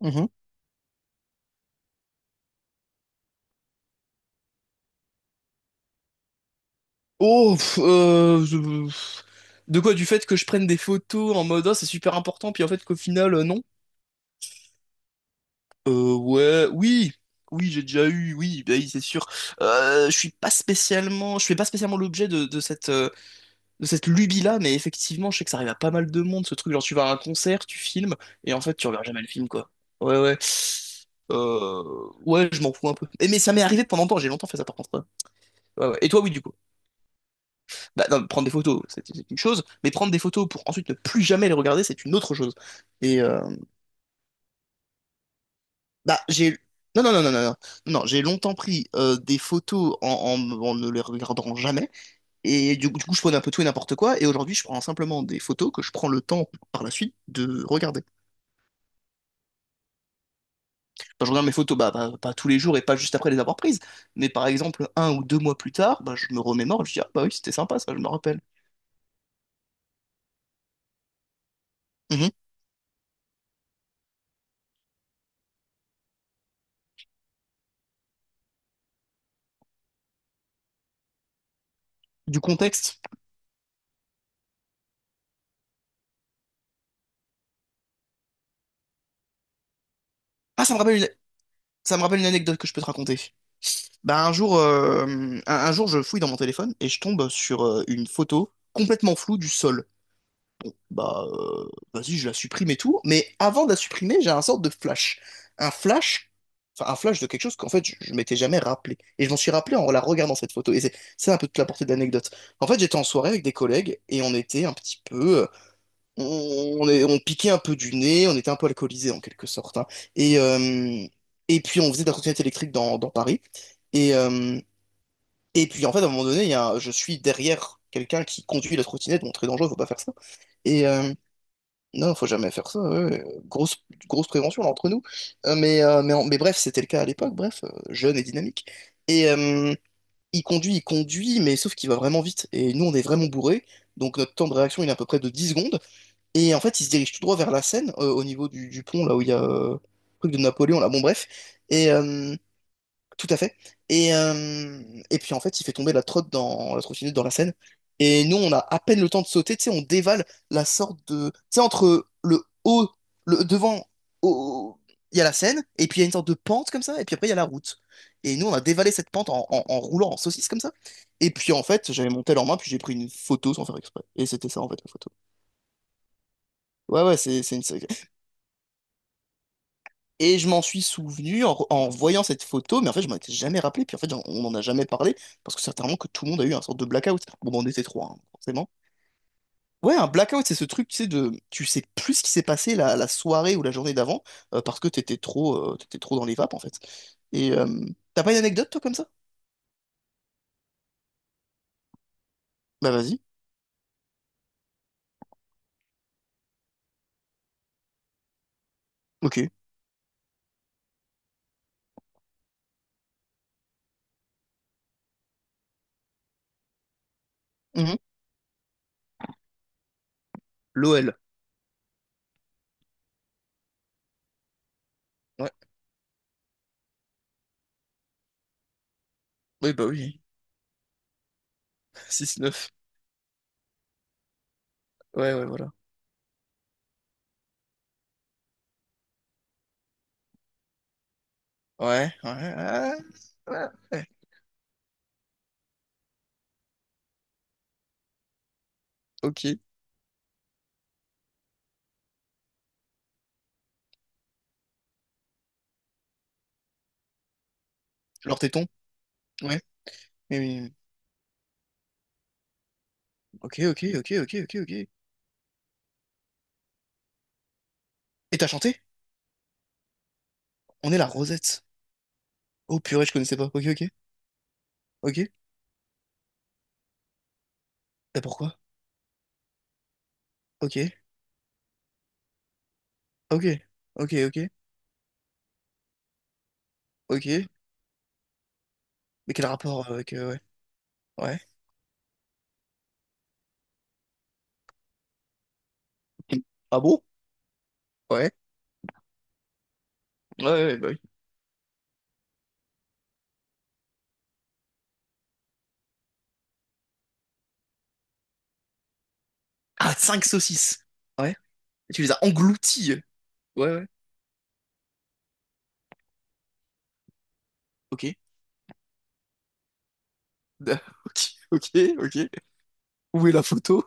Mhm. Oh, de quoi? Du fait que je prenne des photos en mode, Ah, c'est super important, puis en fait qu'au final, non. Ouais, oui, oui, j'ai déjà eu, oui, bah oui, c'est sûr. Je suis pas spécialement, je fais pas spécialement l'objet de cette lubie-là, mais effectivement, je sais que ça arrive à pas mal de monde, ce truc, genre tu vas à un concert, tu filmes, et en fait, tu regardes jamais le film, quoi. Ouais, ouais. Euh, Ouais, je m'en fous un peu. Mais ça m'est arrivé pendant longtemps, j'ai longtemps fait ça par contre, hein. Ouais, ouais. Et toi, oui, du coup. Bah, non, prendre des photos, c'est une chose, mais prendre des photos pour ensuite ne plus jamais les regarder, c'est une autre chose. Et bah, j'ai. Non, non, non, non, non, non, non, j'ai longtemps pris des photos en ne les regardant jamais. Et du coup, je prenais un peu tout et n'importe quoi. Et aujourd'hui, je prends simplement des photos que je prends le temps par la suite de regarder. Quand je regarde mes photos, pas tous les jours et pas juste après les avoir prises. Mais par exemple, 1 ou 2 mois plus tard, bah, je me remémore, je dis, ah bah oui, c'était sympa, ça, je me rappelle. Mhm. Du contexte. Ah, ça me rappelle une anecdote que je peux te raconter. Bah, un jour, je fouille dans mon téléphone et je tombe sur une photo complètement floue du sol. Bah, vas-y, je la supprime et tout. Mais avant de la supprimer, j'ai un sorte de flash. Un flash, de quelque chose qu'en fait je m'étais jamais rappelé. Et je m'en suis rappelé en la regardant cette photo. Et c'est un peu toute la portée de l'anecdote. En fait, j'étais en soirée avec des collègues et on était un petit peu. On piquait un peu du nez, on était un peu alcoolisés en quelque sorte, hein. Et, euh, et puis on faisait de la trottinette électrique dans Paris. Et, euh, et puis en fait, à un moment donné, il y a un- je suis derrière quelqu'un qui conduit la trottinette, bon, très dangereux, faut pas faire ça. Et, euh, non, faut jamais faire ça. Ouais, ouais. Grosse, grosse prévention là, entre nous. Mais bref, c'était le cas à l'époque. Bref, jeune et dynamique. Et il conduit, mais sauf qu'il va vraiment vite. Et nous, on est vraiment bourrés. Donc notre temps de réaction, il est à peu près de 10 secondes. Et en fait, il se dirige tout droit vers la Seine, au niveau du pont, là où il y a le truc de Napoléon, là. Bon, bref. Et, euh, Tout à fait. Et, euh, et puis en fait, il fait tomber la trottinette dans la Seine. Et nous, on a à peine le temps de sauter, tu sais, on dévale la sorte de. Tu sais, entre le haut, le devant, au- il y a la Seine, et puis il y a une sorte de pente comme ça, et puis après, il y a la route. Et nous, on a dévalé cette pente en roulant en saucisse comme ça. Et puis en fait, j'avais mon tel en main, puis j'ai pris une photo sans faire exprès. Et c'était ça en fait, la photo. Ouais, ouais, c'est une. Et je m'en suis souvenu en voyant cette photo, mais en fait, je m'en étais jamais rappelé. Puis en fait, on n'en a jamais parlé parce que certainement que tout le monde a eu un sorte de blackout. Bon, ben, on était trois, hein, forcément. Ouais, un blackout, c'est ce truc, tu sais, de, tu sais plus ce qui s'est passé la soirée ou la journée d'avant, parce que t'étais trop dans les vapes, en fait. Et t'as pas une anecdote, toi, comme ça? Bah, vas-y. Ok. Mhm. L'OL. Ouais. Oui, bah oui. Six neuf. Ouais, ouais, voilà. Ouais, ouais, ouais. Ouais. Ouais. Ok. Leur téton. Ouais. Oui, oui, oui. Ok, ok, ok, ok, ok, ok. Et t'as chanté? On est la Rosette. Oh purée, je connaissais pas. Ok, ok, ok. Et pourquoi? Ok, ok, ok, ok, ok. Mais quel rapport avec... ouais. Ouais. Ah bon? Ouais. Ouais, ouais, ouais, bah oui. Ah, 5 saucisses. Ouais. Et tu les as englouties. Ouais, ouais. Ok. Da- Ok, ok, ok. Où est la photo?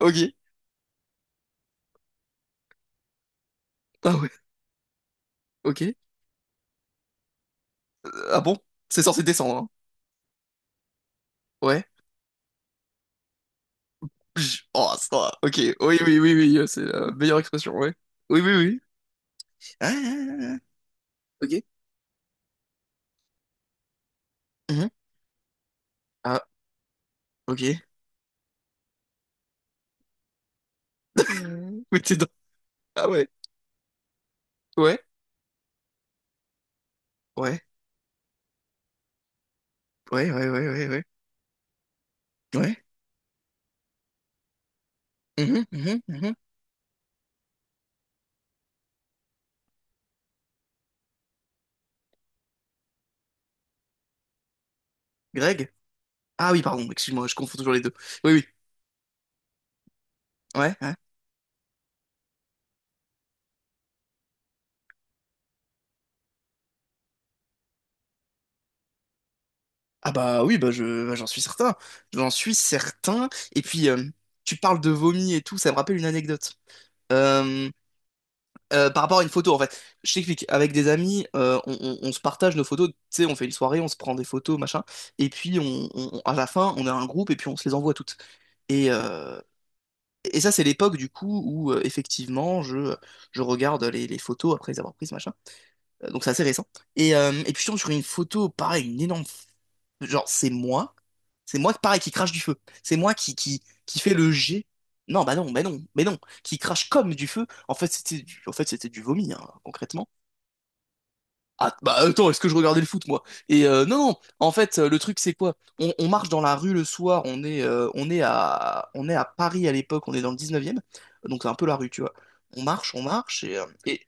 Ok. Ah ouais. Ok. Ah bon? C'est censé descendre, hein. Ouais. Pj. Oh, ça. Ok. Oui, oui, oui, oui. C'est la meilleure expression, ouais. Oui, oui, oui. Ah, ah, ah, ah. Ok. Mhm. Ah, ok. Mhm. Mais t'es dans... Ah ouais. Ouais. Ouais. Ouais, ouais, ouais, ouais, ouais. Ouais. Mhm, mhm, mhm. Greg? Ah oui, pardon, excuse-moi, je confonds toujours les deux. Oui, oui. Ouais, ouais. Ah bah oui, j'en suis certain. J'en suis certain. Et puis, tu parles de vomi et tout, ça me rappelle une anecdote. Euh, Par rapport à une photo, en fait. Je t'explique. Avec des amis, on se partage nos photos. Tu sais, on fait une soirée, on se prend des photos, machin. Et puis, à la fin, on a un groupe et puis on se les envoie toutes. Et, euh, Et ça, c'est l'époque du coup où effectivement je regarde les photos après les avoir prises, machin. Donc c'est assez récent. Et puis je tombe sur une photo, pareil, une énorme. Genre, c'est moi. C'est moi, pareil, qui crache du feu. C'est moi qui fait le G. Non, bah non, mais non, mais non. Qui crache comme du feu. En fait, c'était du vomi, hein, concrètement. Ah, bah attends, est-ce que je regardais le foot, moi? Et non, non, en fait, le truc, c'est quoi? On marche dans la rue le soir, on est à Paris à l'époque, on est dans le 19e, donc c'est un peu la rue, tu vois. On marche,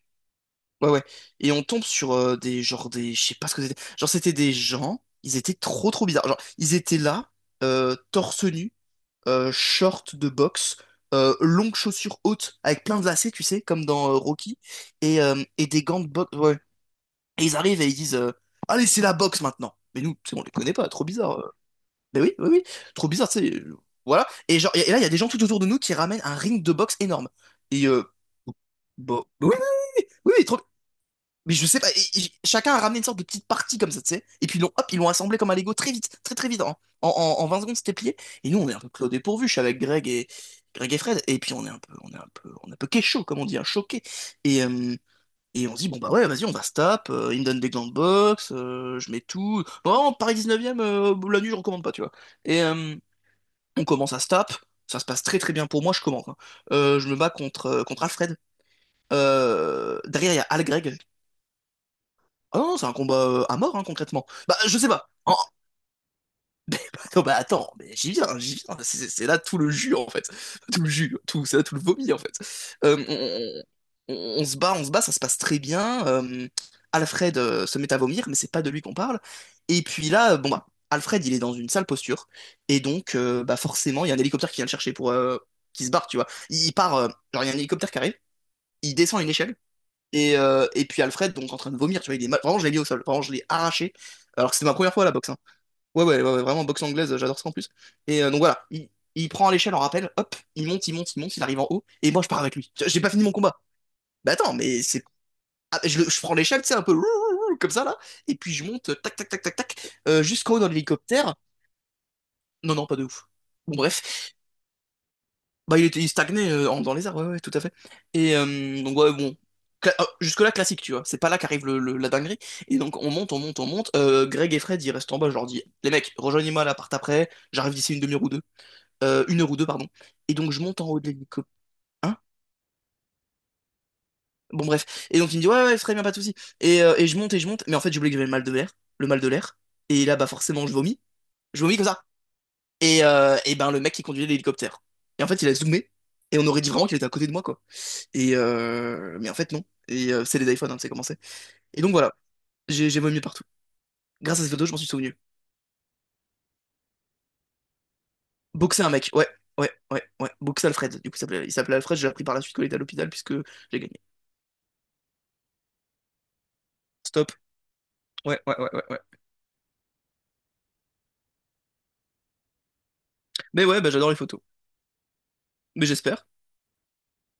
ouais, ouais. Et on tombe sur des, genre, des, je sais pas ce que c'était. Genre, c'était des gens, ils étaient trop, trop bizarres. Genre, ils étaient là, torse nu, short de boxe, longues chaussures hautes, avec plein de lacets, tu sais, comme dans Rocky, et des gants de boxe, ouais. Et ils arrivent et ils disent, Allez, c'est la boxe maintenant. Mais nous, c'est bon, on les connaît pas, trop bizarre. Mais oui, oui, oui, trop bizarre, tu sais. Voilà. Et, genre, et là, il y a des gens tout autour de nous qui ramènent un ring de boxe énorme. Et bon, oui, oui, oui, oui, oui, trop. Mais je sais pas, chacun a ramené une sorte de petite partie comme ça, tu sais. Et puis ils l'ont, hop, ils l'ont assemblé comme un Lego très vite, très très vite, hein. En 20 secondes, c'était plié. Et nous, on est un peu clos dépourvu. Je suis avec Greg et Fred. Et puis on est un peu, on est un peu, on est un peu chaud, comme on dit, un choqué. Et, euh, et on se dit, bon, bah ouais, vas-y, on va se tape, il me donne des gants de boxe, je mets tout. Bon, Paris 19e, la nuit, je recommande pas, tu vois. Et on commence à se tape, ça se passe très très bien pour moi, je commence, hein. Je me bats contre Alfred. Derrière, il y a Al Greg. Ah non, c'est un combat à mort, hein, concrètement. Bah, je sais pas. Mais bah, non, bah attends, mais j'y viens, j'y viens. C'est là tout le jus, en fait. Tout le jus, tout, c'est là tout le vomi, en fait. Euh, on se bat, on se bat, ça se passe très bien. Alfred se met à vomir, mais c'est pas de lui qu'on parle. Et puis là, bon bah, Alfred, il est dans une sale posture. Et donc, bah forcément, il y a un hélicoptère qui vient le chercher qui se barre, tu vois. Il y a un hélicoptère qui arrive, il descend une échelle. Et puis Alfred, donc en train de vomir, tu vois, il est mal. Vraiment, je l'ai mis au sol. Vraiment, je l'ai arraché. Alors que c'était ma première fois à la boxe, hein. Ouais, ouais, ouais, ouais, vraiment boxe anglaise, j'adore ça en plus. Et donc voilà, il prend à l'échelle en rappel, hop, il monte, il monte, il monte, il arrive en haut, et moi je pars avec lui. J'ai pas fini mon combat. Bah attends, mais c'est. Ah, je prends l'échelle, tu sais, un peu comme ça là, et puis je monte, tac, tac, tac, tac, tac, jusqu'en haut dans l'hélicoptère. Non, non, pas de ouf. Bon, bref, bah il stagnait dans les airs, ouais, ouais, tout à fait. Et donc, ouais, bon. Jusque-là, classique, tu vois. C'est pas là qu'arrive la dinguerie. Et donc, on monte, on monte, on monte. Greg et Fred, ils restent en bas. Je leur dis, les mecs, rejoignez-moi à l'appart après. J'arrive d'ici une demi-heure ou deux. Une heure ou deux, pardon. Et donc, je monte en haut de l'hélicoptère. Hein? Bon, bref. Et donc, il me dit, ouais, ouais, très bien, pas de souci. Et je monte et je monte. Mais en fait, j'ai oublié que j'avais le mal de l'air. Le mal de l'air. Et là, bah, forcément, je vomis. Je vomis comme ça. Et ben, le mec qui conduisait l'hélicoptère. Et en fait, il a zoomé. Et on aurait dit vraiment qu'il était à côté de moi, quoi. Et mais en fait, non. Et c'est les iPhones, hein, c'est commencé. Et donc, voilà. J'ai vomi partout. Grâce à cette photo, je m'en suis souvenu. Boxer un mec. Ouais, ouais, ouais, ouais. Boxer Alfred. Du coup, il s'appelait Alfred. J'ai appris par la suite qu'il était à l'hôpital puisque j'ai gagné. Stop. Ouais, ouais, ouais, ouais. Ouais. Mais ouais, bah, j'adore les photos. Mais j'espère.